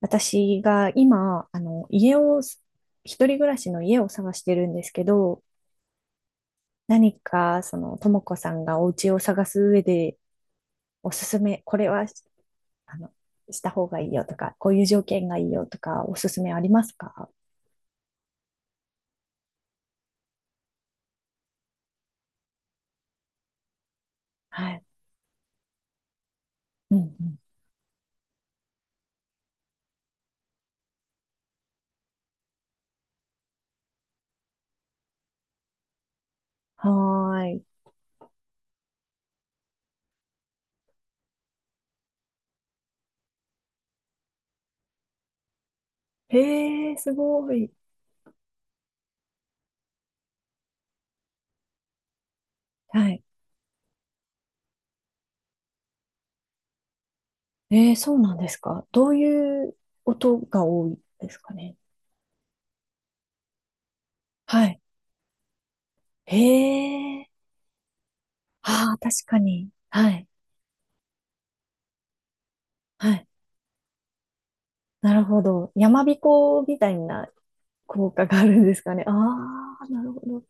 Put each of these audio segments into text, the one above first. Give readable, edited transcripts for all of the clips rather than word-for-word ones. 私が今、家を、一人暮らしの家を探してるんですけど、何か、ともこさんがお家を探す上で、おすすめ、これは、あの、した方がいいよとか、こういう条件がいいよとか、おすすめありますか？はい。うんうん。はーい。へえ、すごい。はい。えー、そうなんですか。どういう音が多いですかね。はい。へえ。ああ、確かに。はい。はい。なるほど。山彦みたいな効果があるんですかね。ああ、なるほど。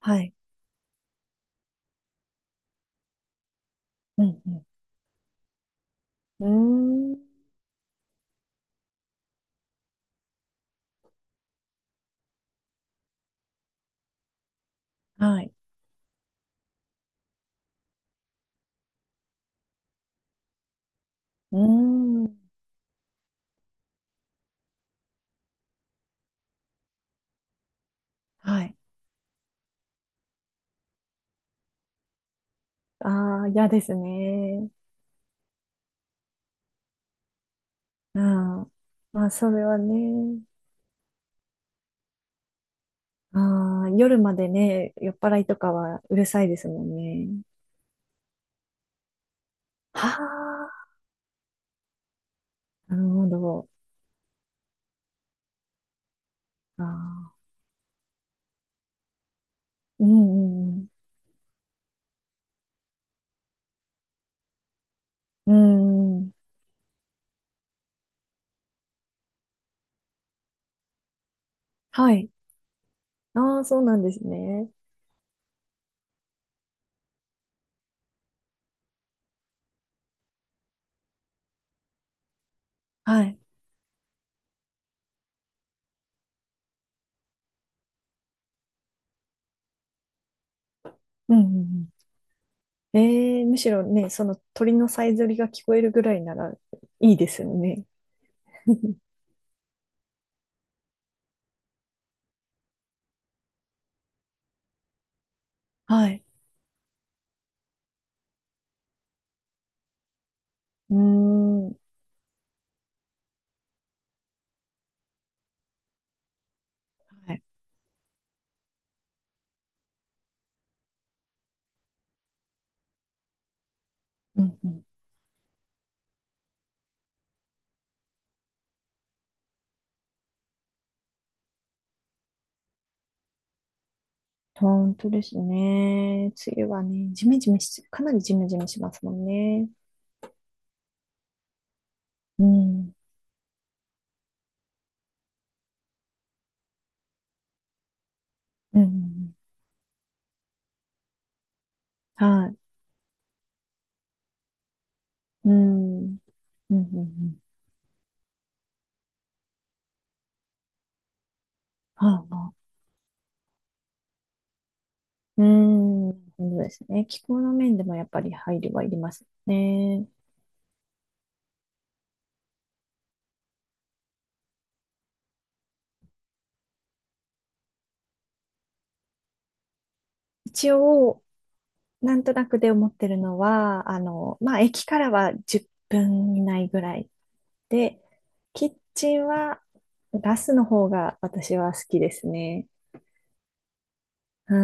はい。うんうん。うーん。はい。うーん。はい。ああ、嫌ですね。うん。まあ、それはね。ああ、夜までね、酔っ払いとかはうるさいですもんね。はあ、なるほど。ああ、うんうんうん。うんうん。はい。ああ、そうなんですね。はい。うんうんうん。ええ、むしろね、その鳥のさえずりが聞こえるぐらいならいいですよね。はい。うーん。はい。うんうん。本当ですね。梅雨はね、ジメジメし、かなりジメジメしますもんね。うん。うんうんうん。はい。うん。うんうんうん。はあ、はあ。うん。そうですね。気候の面でもやっぱり配慮はいりますね。一応、なんとなくで思ってるのは、まあ、駅からは10分以内ぐらいで、キッチンはガスの方が私は好きですね。は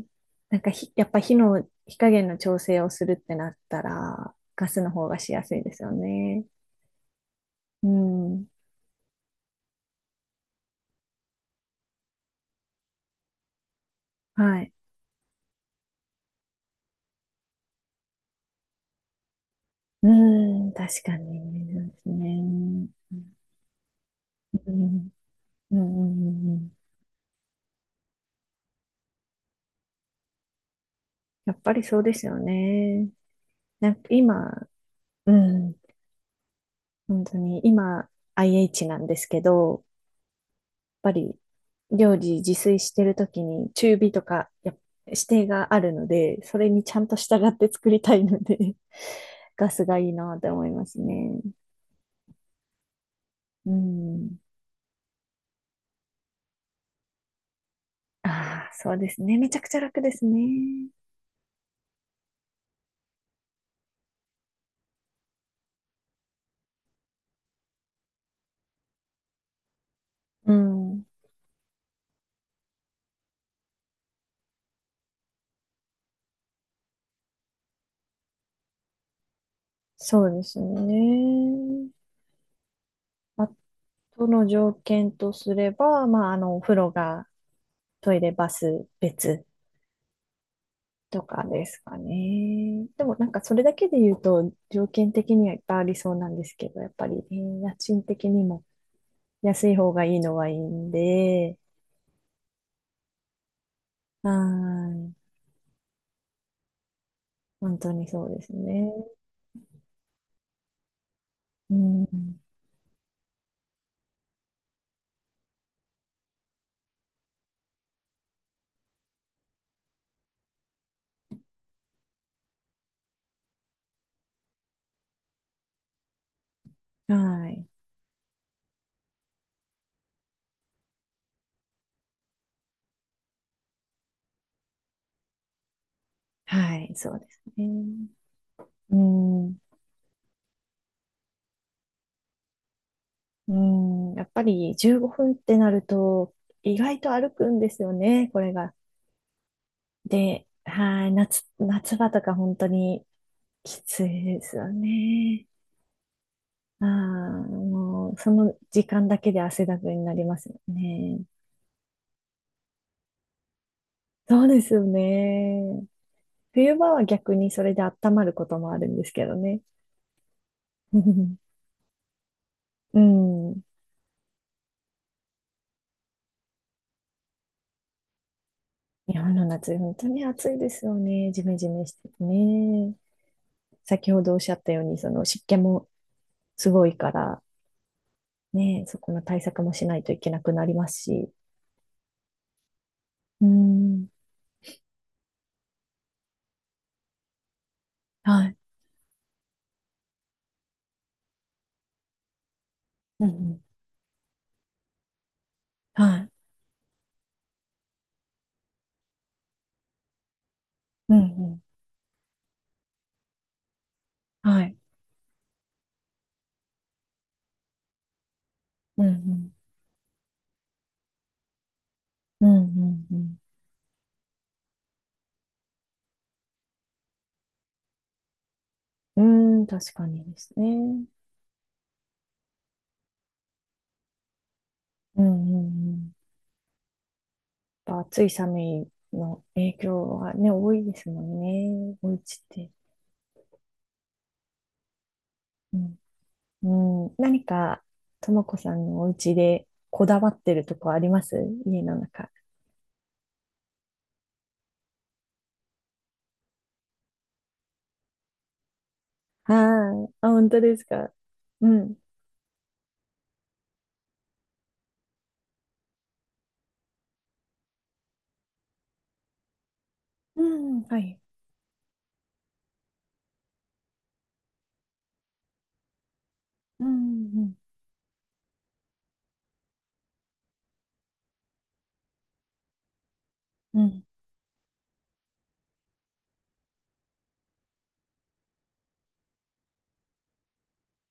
い。なんかひ、やっぱ火の、火加減の調整をするってなったら、ガスの方がしやすいですよね。うん。はい。うん、確かに。そうですね。うん。うん。うんうんうん。やっぱりそうですよね。なんか今、うん。本当に今、IH なんですけど、ぱり料理自炊してるときに中火とかやっ指定があるので、それにちゃんと従って作りたいので、ガスがいいなって思いますね。うん。ああ、そうですね。めちゃくちゃ楽ですね。うん。そうですね。あとの条件とすれば、まあ、お風呂が、トイレ、バス別とかですかね。でもなんかそれだけで言うと条件的にはいっぱいありそうなんですけど、やっぱり、えー家賃的にも安い方がいいのはいいんで、はい。本当にそうですね。うん。はい。はい、そうですね。うん。うん。やっぱり15分ってなると意外と歩くんですよね、これが。で、はい。夏、夏場とか本当にきついですよね。ああ、もう、その時間だけで汗だくになりますよね。そうですよね。冬場は逆にそれで温まることもあるんですけどね。うん。日本の夏、本当に暑いですよね。ジメジメしててね。先ほどおっしゃったように、その湿気もすごいから、ね、そこの対策もしないといけなくなりますし。うん。はい。うんうん。はい。うんうん。はい。うんうん。うんうんうん。うーん、確かにですね。うんうんうん。やっぱ暑い寒いの影響はね、多いですもんね。お家って。うん。うん、何か、ともこさんのお家でこだわってるとこあります？家の中。はい。あ、本当ですか。うん。うん、はい。うん、うん、うん。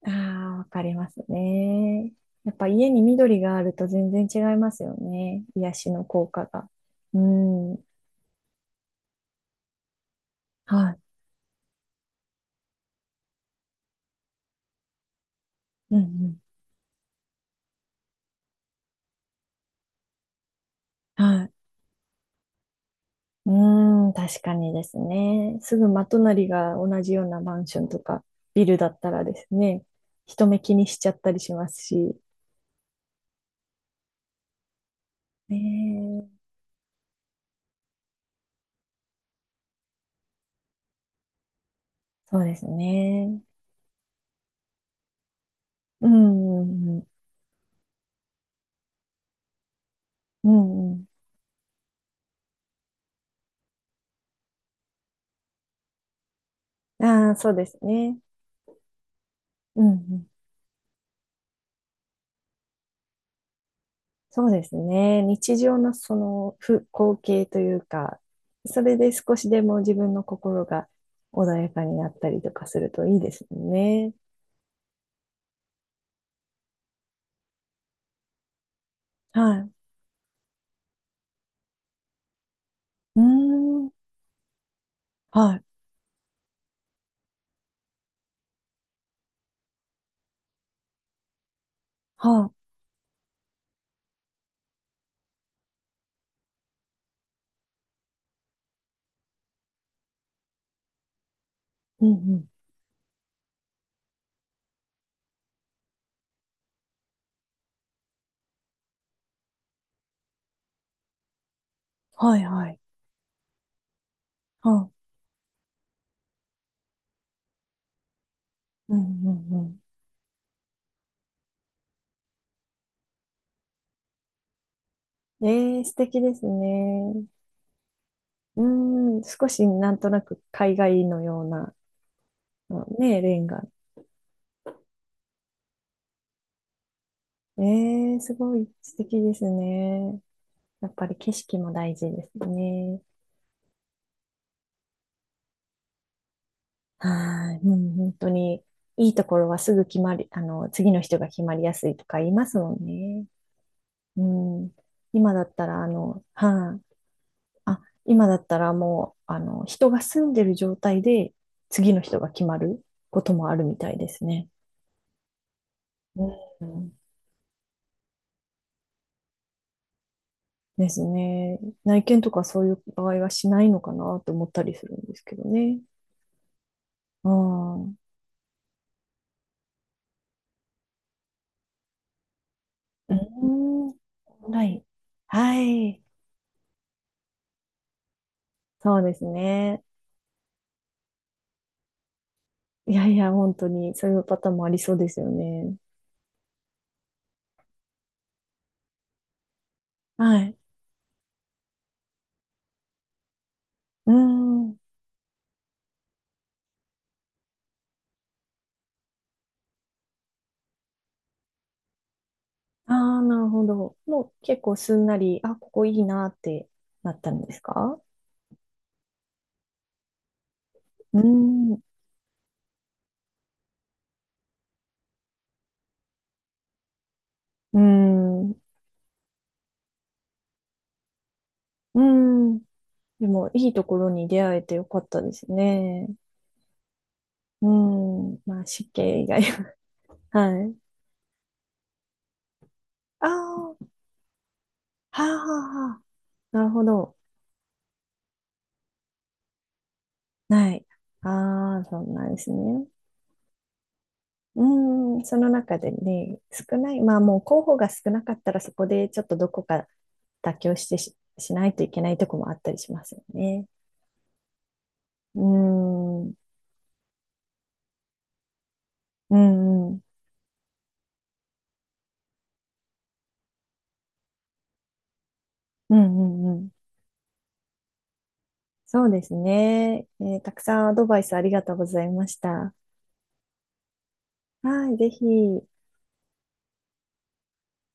ああ、わかりますね。やっぱ家に緑があると全然違いますよね。癒しの効果が。うん。はい。うん、うん。はい。うーん、確かにですね。すぐ真隣が同じようなマンションとかビルだったらですね、人目気にしちゃったりしますし。ねえ、そうですね。うん、うん、うん。うんうん。ああ、そうですね。うん、うん。そうですね。日常のそのふ光景というか、それで少しでも自分の心が穏やかになったりとかするといいですよね。はい。うーん、はい、はい。うんうん。はいはい。はあ、うんうんうん。えー素敵ですね。うーん、少しなんとなく海外のような、うんね、レンガ。えー、すごい素敵ですね。やっぱり景色も大事ですね。はい、うん、本当に、いいところはすぐ決まり、次の人が決まりやすいとか言いますもんね。うん。今だったら、はい。あ、今だったらもう、人が住んでる状態で次の人が決まることもあるみたいですね。うん。ですね。内見とかそういう場合はしないのかなと思ったりするんですけどね。うん。うん。オンライン。はい。そうですね。いやいや、本当にそういうパターンもありそうですよね。はい。うん。ああ、なるほど。もう結構すんなり、あ、ここいいなってなったんですか？うん。うん。うん。でも、いいところに出会えてよかったですね。うん。まあ、死刑以外は。はい。ああ、はあ、はあ、はあ。なるほど。はい。ああ、そうなんですね。うん。その中でね、少ない。まあ、もう候補が少なかったら、そこでちょっとどこか妥協してし、しないといけないとこもあったりしますよね。うん。うんうん。うんうんうん。そうですね。えー、たくさんアドバイスありがとうございました。はい、ぜひ。